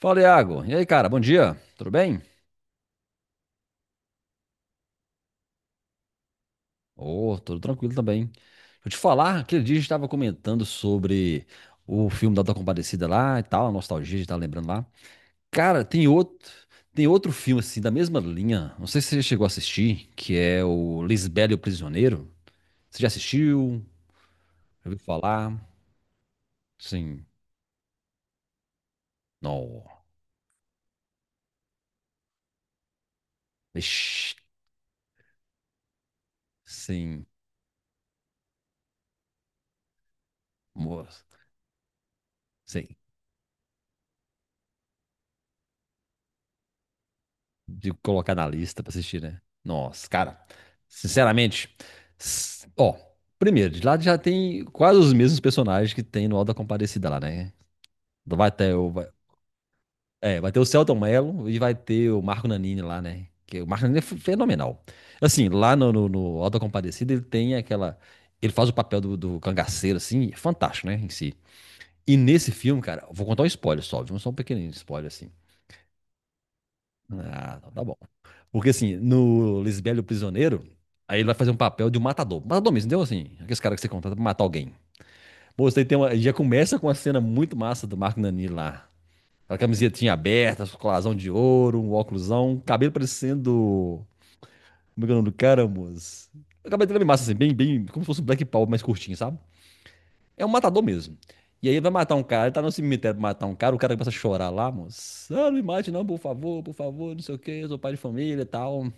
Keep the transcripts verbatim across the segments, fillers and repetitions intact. Fala, Iago. E aí, cara? Bom dia. Tudo bem? Ô, tudo tranquilo também. Deixa eu te falar, aquele dia a gente estava comentando sobre o filme da Auto da Compadecida lá e tal, a nostalgia, a gente tava lembrando lá. Cara, tem outro, tem outro filme assim da mesma linha. Não sei se você chegou a assistir, que é o Lisbela e o Prisioneiro. Você já assistiu? Já ouviu falar? Sim. Não. Ixi, sim. Moço. Sim. de colocar na lista pra assistir, né? Nossa, cara, sinceramente, s- ó, primeiro, de lá já tem quase os mesmos personagens que tem no Auto da Compadecida lá, né? Vai ter o, vai, é, vai ter o Celton Mello e vai ter o Marco Nanini lá, né? Que o Marco Nanini é f- fenomenal. Assim, lá no, no, no Auto da Compadecida ele tem aquela, ele faz o papel do, do cangaceiro, assim, é fantástico, né, em si. E nesse filme, cara, vou contar um spoiler só, viu? Só um pequenininho spoiler, assim. Ah, tá bom. Porque assim, no Lisbelo Prisioneiro, aí ele vai fazer um papel de um matador. Matador mesmo, entendeu? Assim, aqueles caras que você contrata pra matar alguém. Pô, você tem uma, já começa com uma cena muito massa do Marco Nani lá. A camisetinha aberta, colazão de ouro, um óculosão, cabelo parecendo. Como é que é o nome do cara, moço? O cabelo dele é bem massa, assim, bem, bem, como se fosse um Black Power mais curtinho, sabe? É um matador mesmo. E aí ele vai matar um cara, ele tá no cemitério pra matar um cara, o cara começa a chorar lá, moço. Ah, não me mate não, por favor, por favor, não sei o que, eu sou pai de família e tal.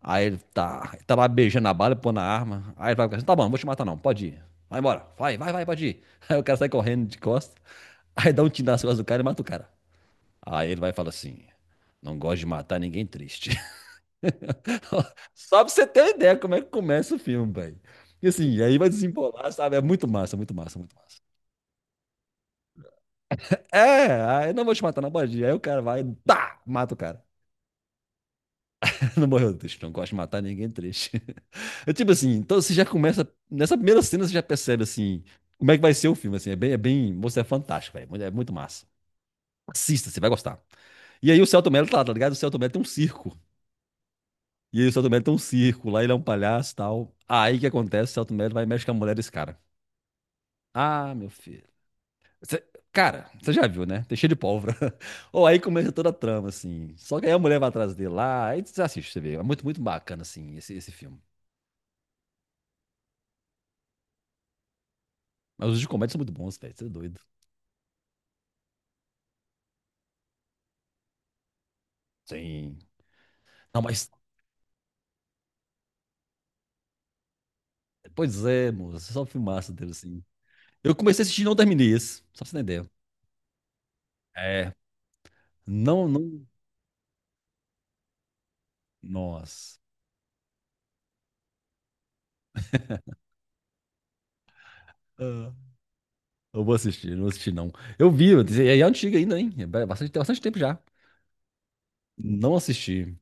Aí ele tá, ele tá lá beijando a bala, pôr na arma. Aí ele vai ficar assim, tá bom, não vou te matar não, pode ir. Vai embora, vai, vai, vai, pode ir. Aí o cara sai correndo de costas, aí dá um tiro nas costas do cara e mata o cara. Aí ele vai e fala assim, não gosto de matar ninguém triste. Só pra você ter uma ideia como é que começa o filme, velho. E assim, aí vai desembolar, sabe? É muito massa, muito massa, muito massa. É, aí não vou te matar, não pode ir. Aí o cara vai, tá, mata o cara. Não morreu triste, não gosto de matar ninguém triste. É tipo assim, então você já começa. Nessa primeira cena você já percebe assim como é que vai ser o filme. Assim, é bem, é bem. Moço, é fantástico, velho. É muito massa. Assista, você vai gostar. E aí o Celto Mello tá lá, tá ligado? O Celto Mello tem um circo. E aí o Celto Mello tem um circo, lá ele é um palhaço e tal. Aí o que acontece? O Celto Mello vai e mexe com a mulher desse cara. Ah, meu filho. Cê- cara, você já viu, né? Tem cheio de pólvora. Ou aí começa toda a trama, assim. Só que aí a mulher vai atrás dele lá, aí você assiste, você vê. É muito, muito bacana, assim, esse, esse filme. Mas os de comédia são muito bons, velho. Você é doido. Sim. Não, mas. Pois é, moço. É só filmaço dele, assim. Eu comecei a assistir e não terminei esse. Só pra você entender. É. Não, não. Nossa. Ah, Eu vou assistir, não vou assistir, não. Eu vi, eu disse, é antiga ainda, hein? É bastante, tem bastante tempo já. Não assisti.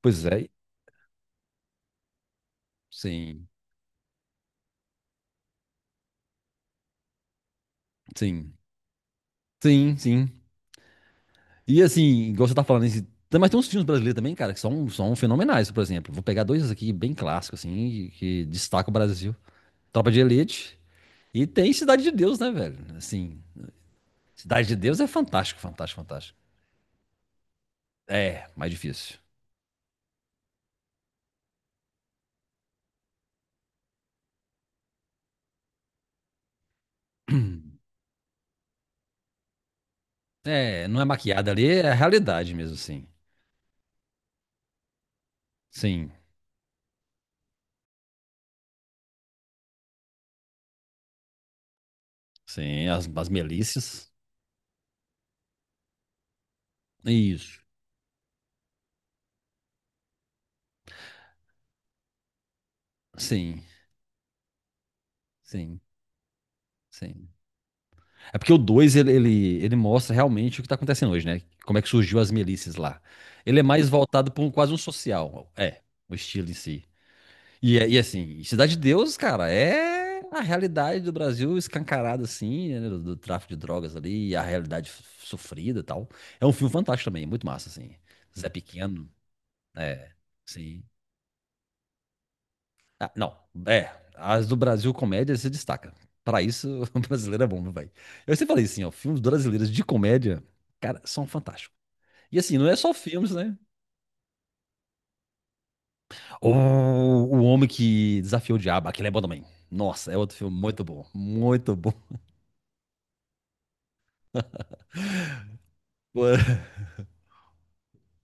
Pois é. Sim. Sim. Sim, sim. E assim, igual você tá falando, esse- tem- mas tem uns filmes brasileiros também, cara, que são, são fenomenais, por exemplo. Vou pegar dois aqui bem clássicos, assim, que destacam o Brasil. Tropa de Elite. E tem Cidade de Deus, né, velho? Assim, Cidade de Deus é fantástico, fantástico, fantástico. É, mais difícil. É, não é maquiada ali, é a realidade mesmo, sim. Sim, sim, as, as melícias. Isso. Sim, sim, sim. É porque o dois ele, ele, ele mostra realmente o que tá acontecendo hoje, né? Como é que surgiu as milícias lá. Ele é mais voltado para um, quase um social. É, o estilo em si. E, é- e assim, Cidade de Deus, cara, é a realidade do Brasil escancarada, assim, né, do, do tráfico de drogas ali, e a realidade f- sofrida e tal. É um filme fantástico também, muito massa, assim. Zé Pequeno, é, sim. Ah, não, é, as do Brasil comédia se destaca. Pra isso, o brasileiro é bom, meu velho. Eu sempre falei assim, ó, filmes brasileiros de comédia, cara, são fantásticos. E assim, não é só filmes, né? O, o Homem que Desafiou o Diabo, aquele é bom também. Nossa, é outro filme muito bom, muito bom.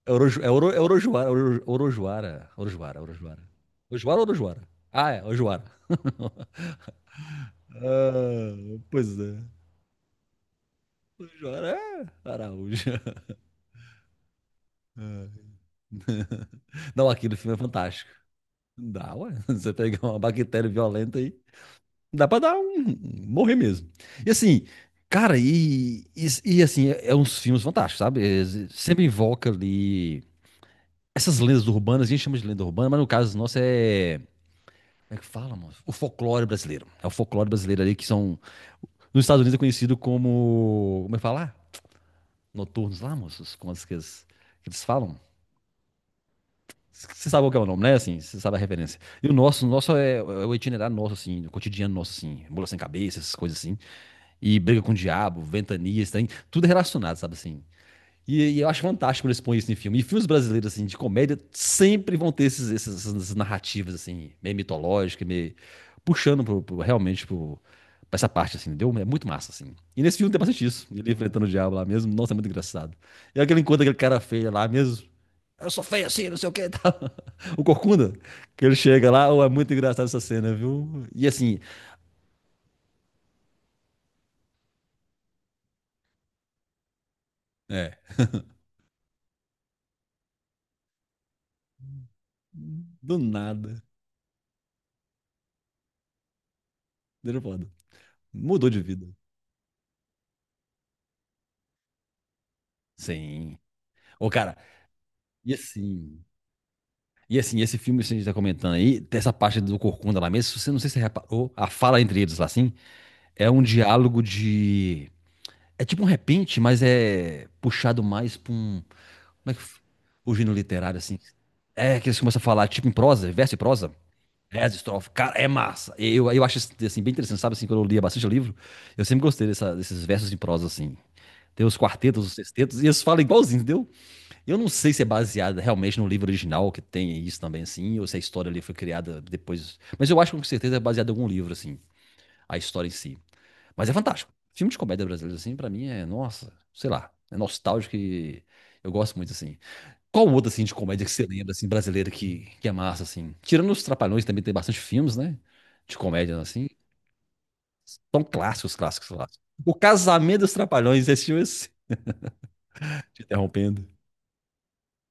É Oroju, é Oro, é Orojuara, Oro- Orojuara, Orojuara, Orojuara. Orojuara ou Orojuara? Ah, é, Orojuara. Ah, pois é. Orojuara é Araújo. Ah, não, aquele filme é fantástico. Dá, ué. Você pegar uma bactéria violenta aí, dá pra dar um morrer mesmo. E assim, cara, e, e, e, assim, é, é uns filmes fantásticos, sabe? Eles- Sempre invoca ali. Essas lendas urbanas, a gente chama de lenda urbana, mas no caso nosso é. Como é que fala, mano? O folclore brasileiro. É o folclore brasileiro ali que são. Nos Estados Unidos é conhecido como. Como é que fala? Noturnos lá, moços? Como as que eles, que eles falam? Você sabe qual que é o nome, né? Assim, você sabe a referência. E o nosso, o nosso é, é o itinerário nosso, assim, o cotidiano nosso, assim, mula sem cabeça, essas coisas assim. E briga com o diabo, ventanias, tem tudo é relacionado, sabe assim? E, e eu acho fantástico quando eles põem isso em filme. E filmes brasileiros, assim, de comédia, sempre vão ter esses, esses- essas narrativas, assim, meio mitológicas, meio puxando pro, pro- realmente pro, pra essa parte, assim, entendeu? É muito massa, assim. E nesse filme tem bastante isso. Ele enfrentando o diabo lá mesmo. Nossa, é muito engraçado. E é aquele encontro aquele cara feio lá mesmo. Eu sou feio assim, não sei o que e tal. O Corcunda, que ele chega lá, oh, é muito engraçado essa cena, viu? E assim, é, do nada, deixa eu falar, mudou de vida. Sim. Ô, cara, e assim, E assim, esse filme que a gente tá comentando aí, dessa parte do Corcunda lá mesmo, se você não sei se você reparou, a fala entre eles lá assim, é um diálogo de. É tipo um repente, mas é puxado mais pra um. Como é que. f- O gênero literário, assim. É que eles começam a falar, tipo em prosa, verso e prosa. Verso, e estrofe. Cara, é massa. Eu, eu acho isso, assim, bem interessante, sabe? Assim, quando eu lia bastante livro, eu sempre gostei dessa- desses versos em prosa, assim. Tem os quartetos, os sextetos, e eles falam igualzinho, entendeu? Eu não sei se é baseada realmente no livro original, que tem isso também, assim, ou se a história ali foi criada depois. Mas eu acho que com certeza é baseada em algum livro, assim, a história em si. Mas é fantástico. Filme de comédia brasileiro, assim, pra mim é, nossa, sei lá, é nostálgico e eu gosto muito, assim. Qual outra, assim, de comédia que você lembra, assim, brasileira que, que é massa, assim? Tirando os Trapalhões, também tem bastante filmes, né? De comédia, assim. São clássicos, clássicos, clássicos. O Casamento dos Trapalhões, esse filme, é- te interrompendo.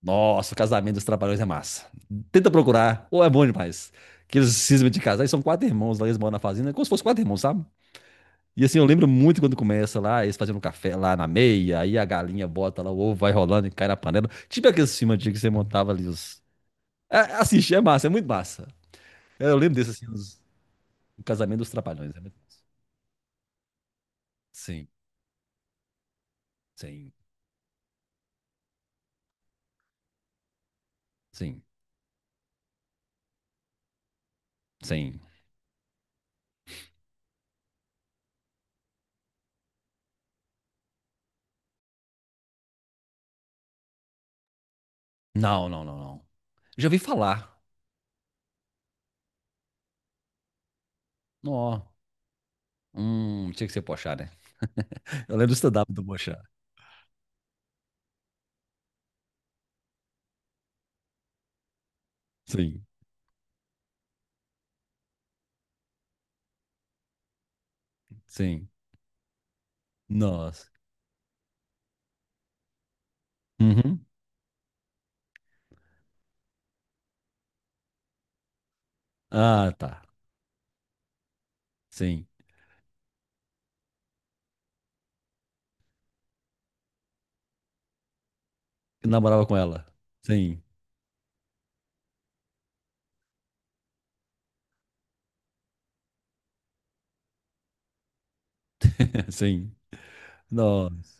Nossa, o casamento dos Trapalhões é massa. Tenta procurar, ou é bom demais. Que eles cismam de casar, e são quatro irmãos lá, eles moram na fazenda, é como se fosse quatro irmãos, sabe? E assim, eu lembro muito quando começa lá, eles fazendo um café lá na meia, aí a galinha bota lá, o ovo vai rolando e cai na panela. Tipo aqueles filmes antigos que você montava ali. Os... É, assiste, é massa, é muito massa. É, eu lembro desse, assim, os- o casamento dos Trapalhões. É muito massa. Sim, sim, sim, sim. Não, não, não, não. Já ouvi falar. Não, ó. Hum, tinha que ser Porchat, né? Eu lembro do stand-up do Porchat. Sim, sim. Nossa. Uhum. Ah, tá. Sim. Eu namorava com ela. Sim, sim. Nossa.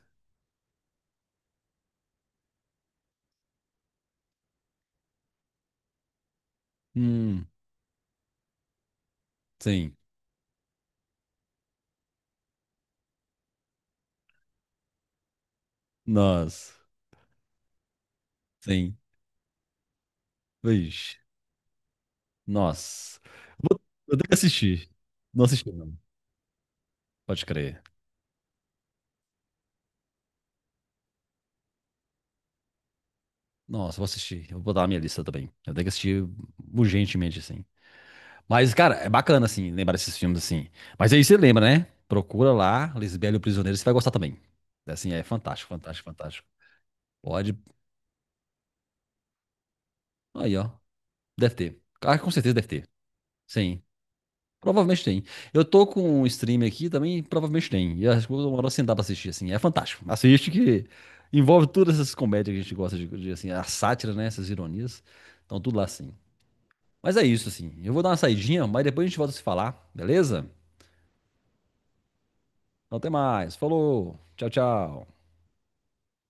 Hum, sim. Nossa. Sim. Vixe. Nossa. Vou, eu tenho que assistir. Não assisti, não. Pode crer. Nossa, vou assistir. Eu vou botar na minha lista também. Eu tenho que assistir urgentemente, assim. Mas, cara, é bacana, assim, lembrar desses filmes, assim. Mas aí você lembra, né? Procura lá, Lisbela e o Prisioneiro, você vai gostar também. Assim, é fantástico, fantástico, fantástico. Pode. Aí, ó. Deve ter. Ah, com certeza deve ter. Sim. Provavelmente tem. Eu tô com um stream aqui também, provavelmente tem. E eu acho que eu vou demorar sentar pra assistir, assim. É fantástico. Assiste que envolve todas essas comédias que a gente gosta de, de, assim, a sátira, né? Essas ironias. Então, tudo lá, assim. Mas é isso, assim. Eu vou dar uma saidinha, mas depois a gente volta a se falar, beleza? Então, até mais. Falou. Tchau, tchau.